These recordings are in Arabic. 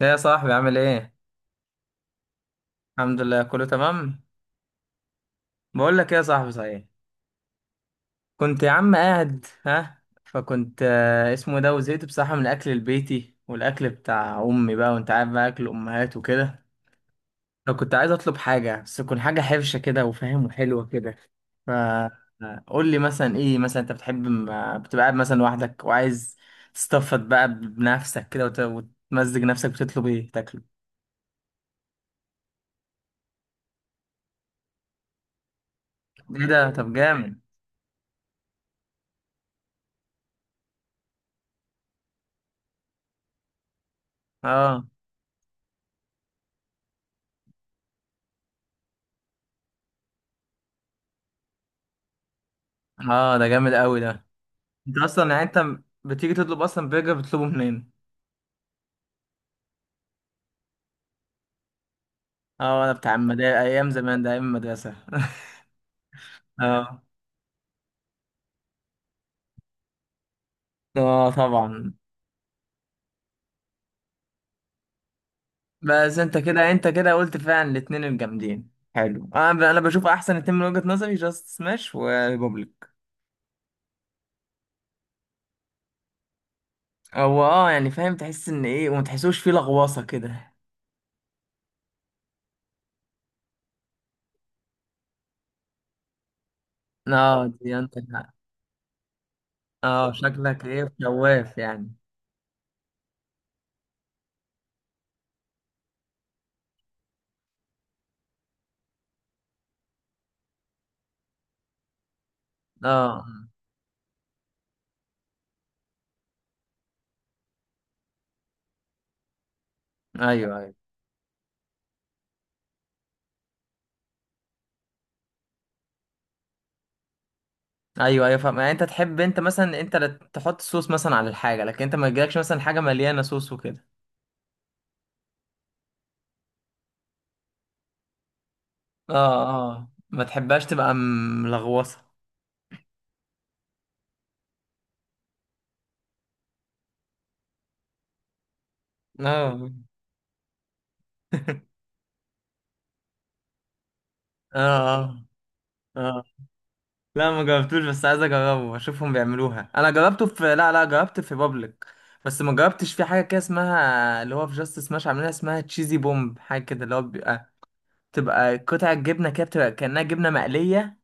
يا صاحبي، عامل ايه؟ الحمد لله، كله تمام. بقول لك ايه يا صاحبي، صحيح، كنت يا عم قاعد فكنت اسمه ده، وزهقت بصراحه من الاكل البيتي والاكل بتاع امي بقى، وانت عارف بقى اكل امهات وكده. فكنت عايز اطلب حاجه، بس تكون حاجه حرشه كده وفاهم وحلوه كده. فقول لي مثلا ايه، مثلا انت بتحب بتبقى قاعد مثلا لوحدك وعايز تستفد بقى بنفسك كده وتمزج نفسك، بتطلب ايه تاكله؟ ايه ده، طب جامد! اه، اه، ده جامد قوي ده. انت اصلا، يعني انت بتيجي تطلب اصلا برجر، بتطلبه منين؟ اه، انا بتاع المدارس ايام زمان ده، ايام المدرسه. اه. اه طبعا. بس انت كده، قلت فعلا الاتنين الجامدين، حلو. انا بشوف احسن اتنين من وجهة نظري، جاست سماش وريبوبليك. هو اه يعني، فاهم؟ تحس ان ايه وما تحسوش فيه لغواصه كده. اه، دي انت. اه، شكلك ايه، شواف يعني؟ اه، ايوه، ايوه. ايوه، ايوه، فاهم. يعني انت تحب، انت مثلا، انت اللي تحط صوص مثلا على الحاجه، لكن انت ما يجيلكش مثلا حاجه مليانه صوص وكده. اه. اه، ما تحبهاش تبقى ملغوصه. اه. اه. اه، اه. لا، ما جربتوش، بس عايز اجربه اشوفهم بيعملوها. انا جربته لا، لا، جربت في بابليك. بس ما جربتش في حاجه كده اسمها، اللي هو في جاست سماش عاملينها، اسمها تشيزي بومب، حاجه كده اللي هو بيبقى، تبقى قطع جبنه كده، بتبقى كانها جبنه مقليه،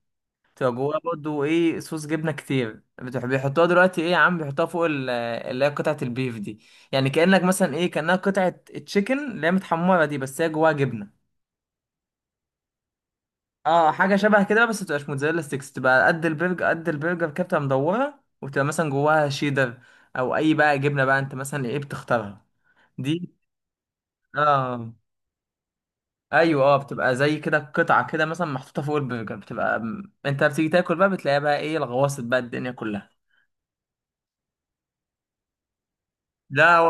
بتبقى جواها برضه ايه، صوص جبنه كتير. بيحطوها دلوقتي ايه يا عم، بيحطوها فوق اللي هي قطعه البيف دي. يعني كانك مثلا ايه، كانها قطعه تشيكن اللي هي متحمره دي، بس هي جواها جبنه. اه، حاجه شبه كده، بس متبقاش موتزاريلا ستيكس، تبقى قد البرجر، قد البرجر كده، بتبقى مدوره، وتبقى مثلا جواها شيدر او اي بقى جبنه بقى انت مثلا ايه بتختارها. دي؟ اه. ايوه، اه، بتبقى زي كده قطعه كده مثلا محطوطه فوق البرجر، بتبقى انت بتيجي تاكل بقى، بتلاقيها بقى ايه، الغواصة بقى الدنيا كلها. لا و...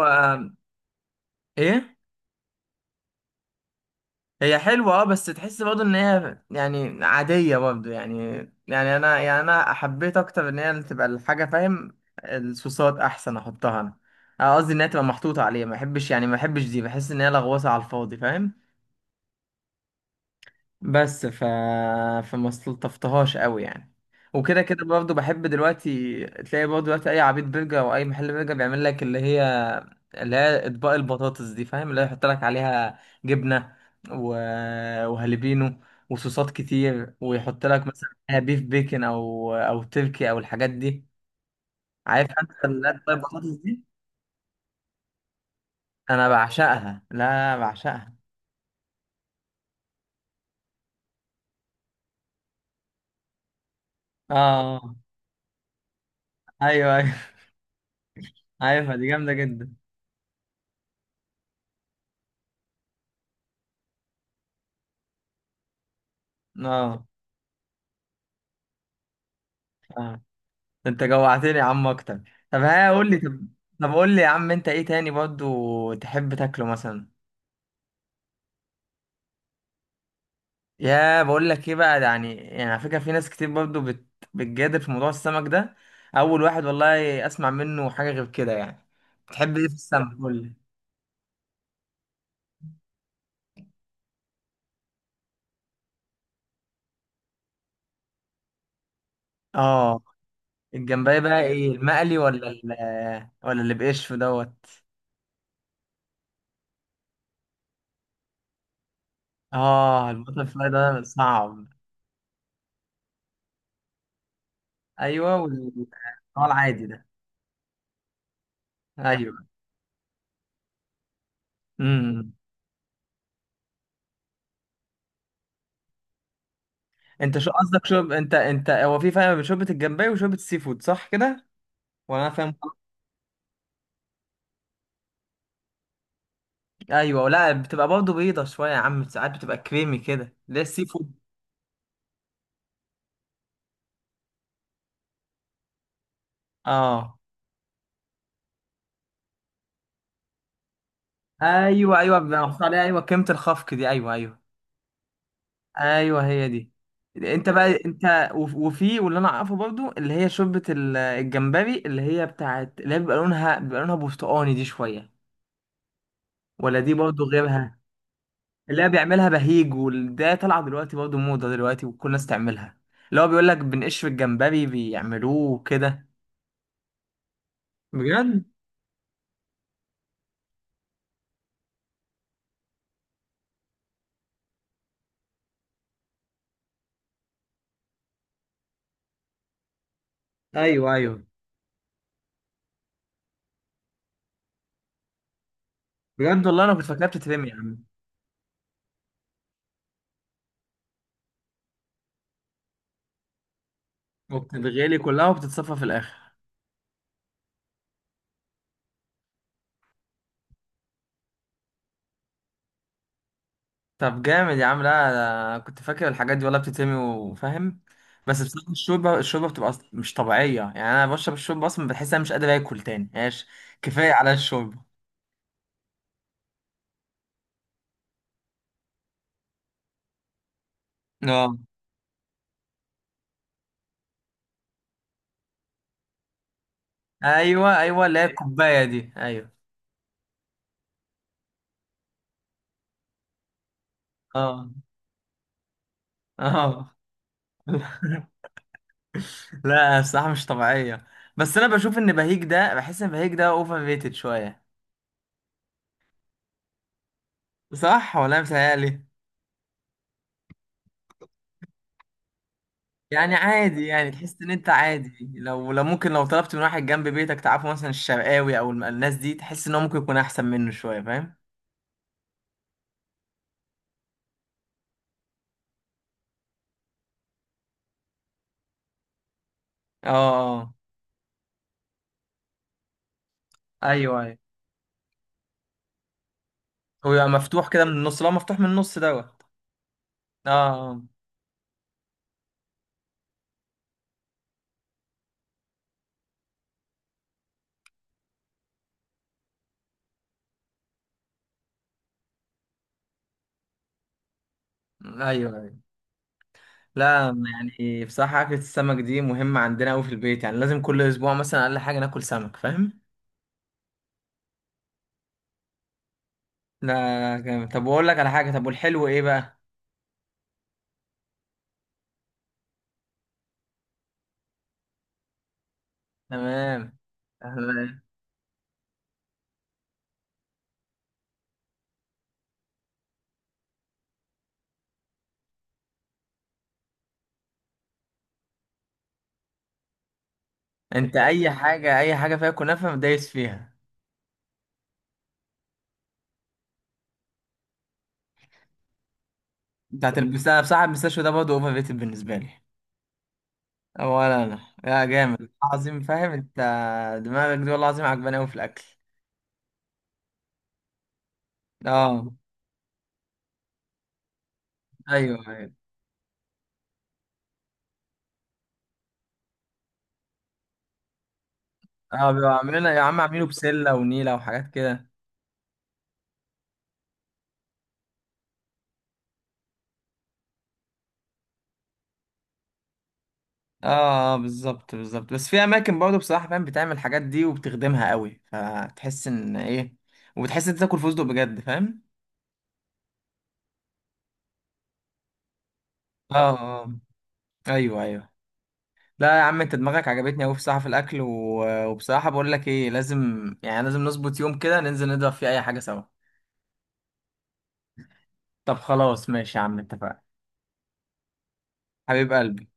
ايه، هي حلوة، اه، بس تحس برضه ان هي يعني عادية برضه يعني. يعني انا، يعني انا حبيت اكتر ان هي اللي تبقى الحاجة، فاهم؟ الصوصات احسن احطها انا. أنا قصدي ان هي تبقى محطوطة عليها، ما بحبش، يعني ما بحبش دي، بحس ان هي لغوصة على الفاضي، فاهم؟ بس ف... فما استلطفتهاش قوي يعني. وكده كده برضه، بحب دلوقتي تلاقي برضه دلوقتي، اي عبيط برجر او اي محل برجر بيعمل لك اللي هي، اللي هي اطباق البطاطس دي، فاهم؟ اللي هي يحط لك عليها جبنه، و... وهالبينو وصوصات كتير، ويحط لك مثلا عليها بيف بيكن او تركي او الحاجات دي. عارف، انت اللي هي اطباق البطاطس دي. انا بعشقها، لا بعشقها. اه. ايوه، ايوه. عارفها، دي جامده جدا. اه. آه. انت جوعتني يا عم اكتر. طب ها قول لي، طب، طب قول لي يا عم، انت ايه تاني برضو تحب تاكله مثلا؟ يا بقول لك ايه بقى، ده يعني، يعني على فكره في ناس كتير برضو بتجادل في موضوع السمك ده. اول واحد والله اسمع منه حاجه غير كده يعني. بتحب ايه في السمك، قول لي. اه، الجمبري بقى ايه، المقلي ولا ولا اللي بقشف دوت؟ اه، البتر فلاي ده صعب. ايوه. هو العادي ده. ايوه. امم. انت شو قصدك، شرب؟ انت هو في فرق بين شوربه الجمبري وشوربه السي فود، صح كده؟ ولا انا فاهم غلط؟ ايوه. لا، بتبقى برضه بيضه شويه يا عم، ساعات بتبقى كريمي كده، ليه السي فود؟ اه. ايوه، ايوه، بيبقى محطوط عليها، ايوه، كريمه الخفق دي، ايوه، ايوه. ايوه، هي دي. انت بقى، وفي واللي انا اعرفه برضه، اللي هي شوربه الجمبري، اللي هي بتاعت اللي هي بيبقى لونها، بيبقى لونها برتقاني دي شويه، ولا دي برضه غيرها؟ اللي هي بيعملها بهيج، وده طالعه دلوقتي برضه موضه دلوقتي، وكل الناس تعملها. اللي هو بيقول لك بنقش في الجمبري بيعملوه وكده. بجد. ايوه، ايوه. بجد، والله انا كنت فاكرها بتترمي يا عم. وبتتغلي كلها، وبتتصفى في الاخر. طب جامد يا عم، لا أنا كنت فاكر الحاجات دي والله بتترمي وفاهم. بس بصراحه، الشوربه بتبقى مش طبيعيه، يعني انا بشرب الشوربه اصلا بحس انا مش قادر اكل تاني، ماشي، كفايه على الشوربه. اه. ايوه، ايوه، اللي هي الكوبايه دي، ايوه. اه. اه. لا، الصراحة مش طبيعية. بس أنا بشوف إن بهيج ده، أوفر ريتد شوية. صح ولا أنا متهيألي؟ يعني عادي، يعني تحس إن أنت عادي، لو، ممكن لو طلبت من واحد جنب بيتك تعرفه، مثلا الشرقاوي أو الناس دي، تحس إن هو ممكن يكون أحسن منه شوية، فاهم؟ آه، آه. أيوه، أيوه. هو يبقى مفتوح كده من النص، لو مفتوح من النص دوت. آه. آه. أيوه، أيوه. لا، يعني بصراحة أكلة السمك دي مهمة عندنا أوي في البيت، يعني لازم كل أسبوع مثلا أقل حاجة ناكل سمك، فاهم؟ لا، جامد. طب، واقول لك على حاجه، طب، والحلو ايه بقى؟ تمام. تمام. انت اي حاجه، اي حاجه فيها كنافه دايس فيها. انت هتلبسها بصراحه، المستشفى ده برضه اوفر ريتد بالنسبه لي. ولا انا، يا جامد عظيم، فاهم انت؟ دماغك دي والله العظيم عجباني قوي في الاكل. اه. ايوه، ايوه. اه، بيبقوا عاملين يا عم عاملينه بسله ونيله وحاجات كده. اه. بالظبط، بالظبط. بس في اماكن برضه بصراحه فاهم، بتعمل الحاجات دي وبتخدمها قوي، فتحس ان ايه، وبتحس انت تاكل فستق بجد، فاهم؟ اه. اه. ايوه، ايوه. لا يا عم، انت دماغك عجبتني قوي بصراحه في الاكل، و... وبصراحه بقول لك ايه، لازم، يعني لازم نظبط يوم كده ننزل نضرب فيه اي حاجه سوا. طب خلاص، ماشي يا عم، اتفقنا. حبيب قلبي.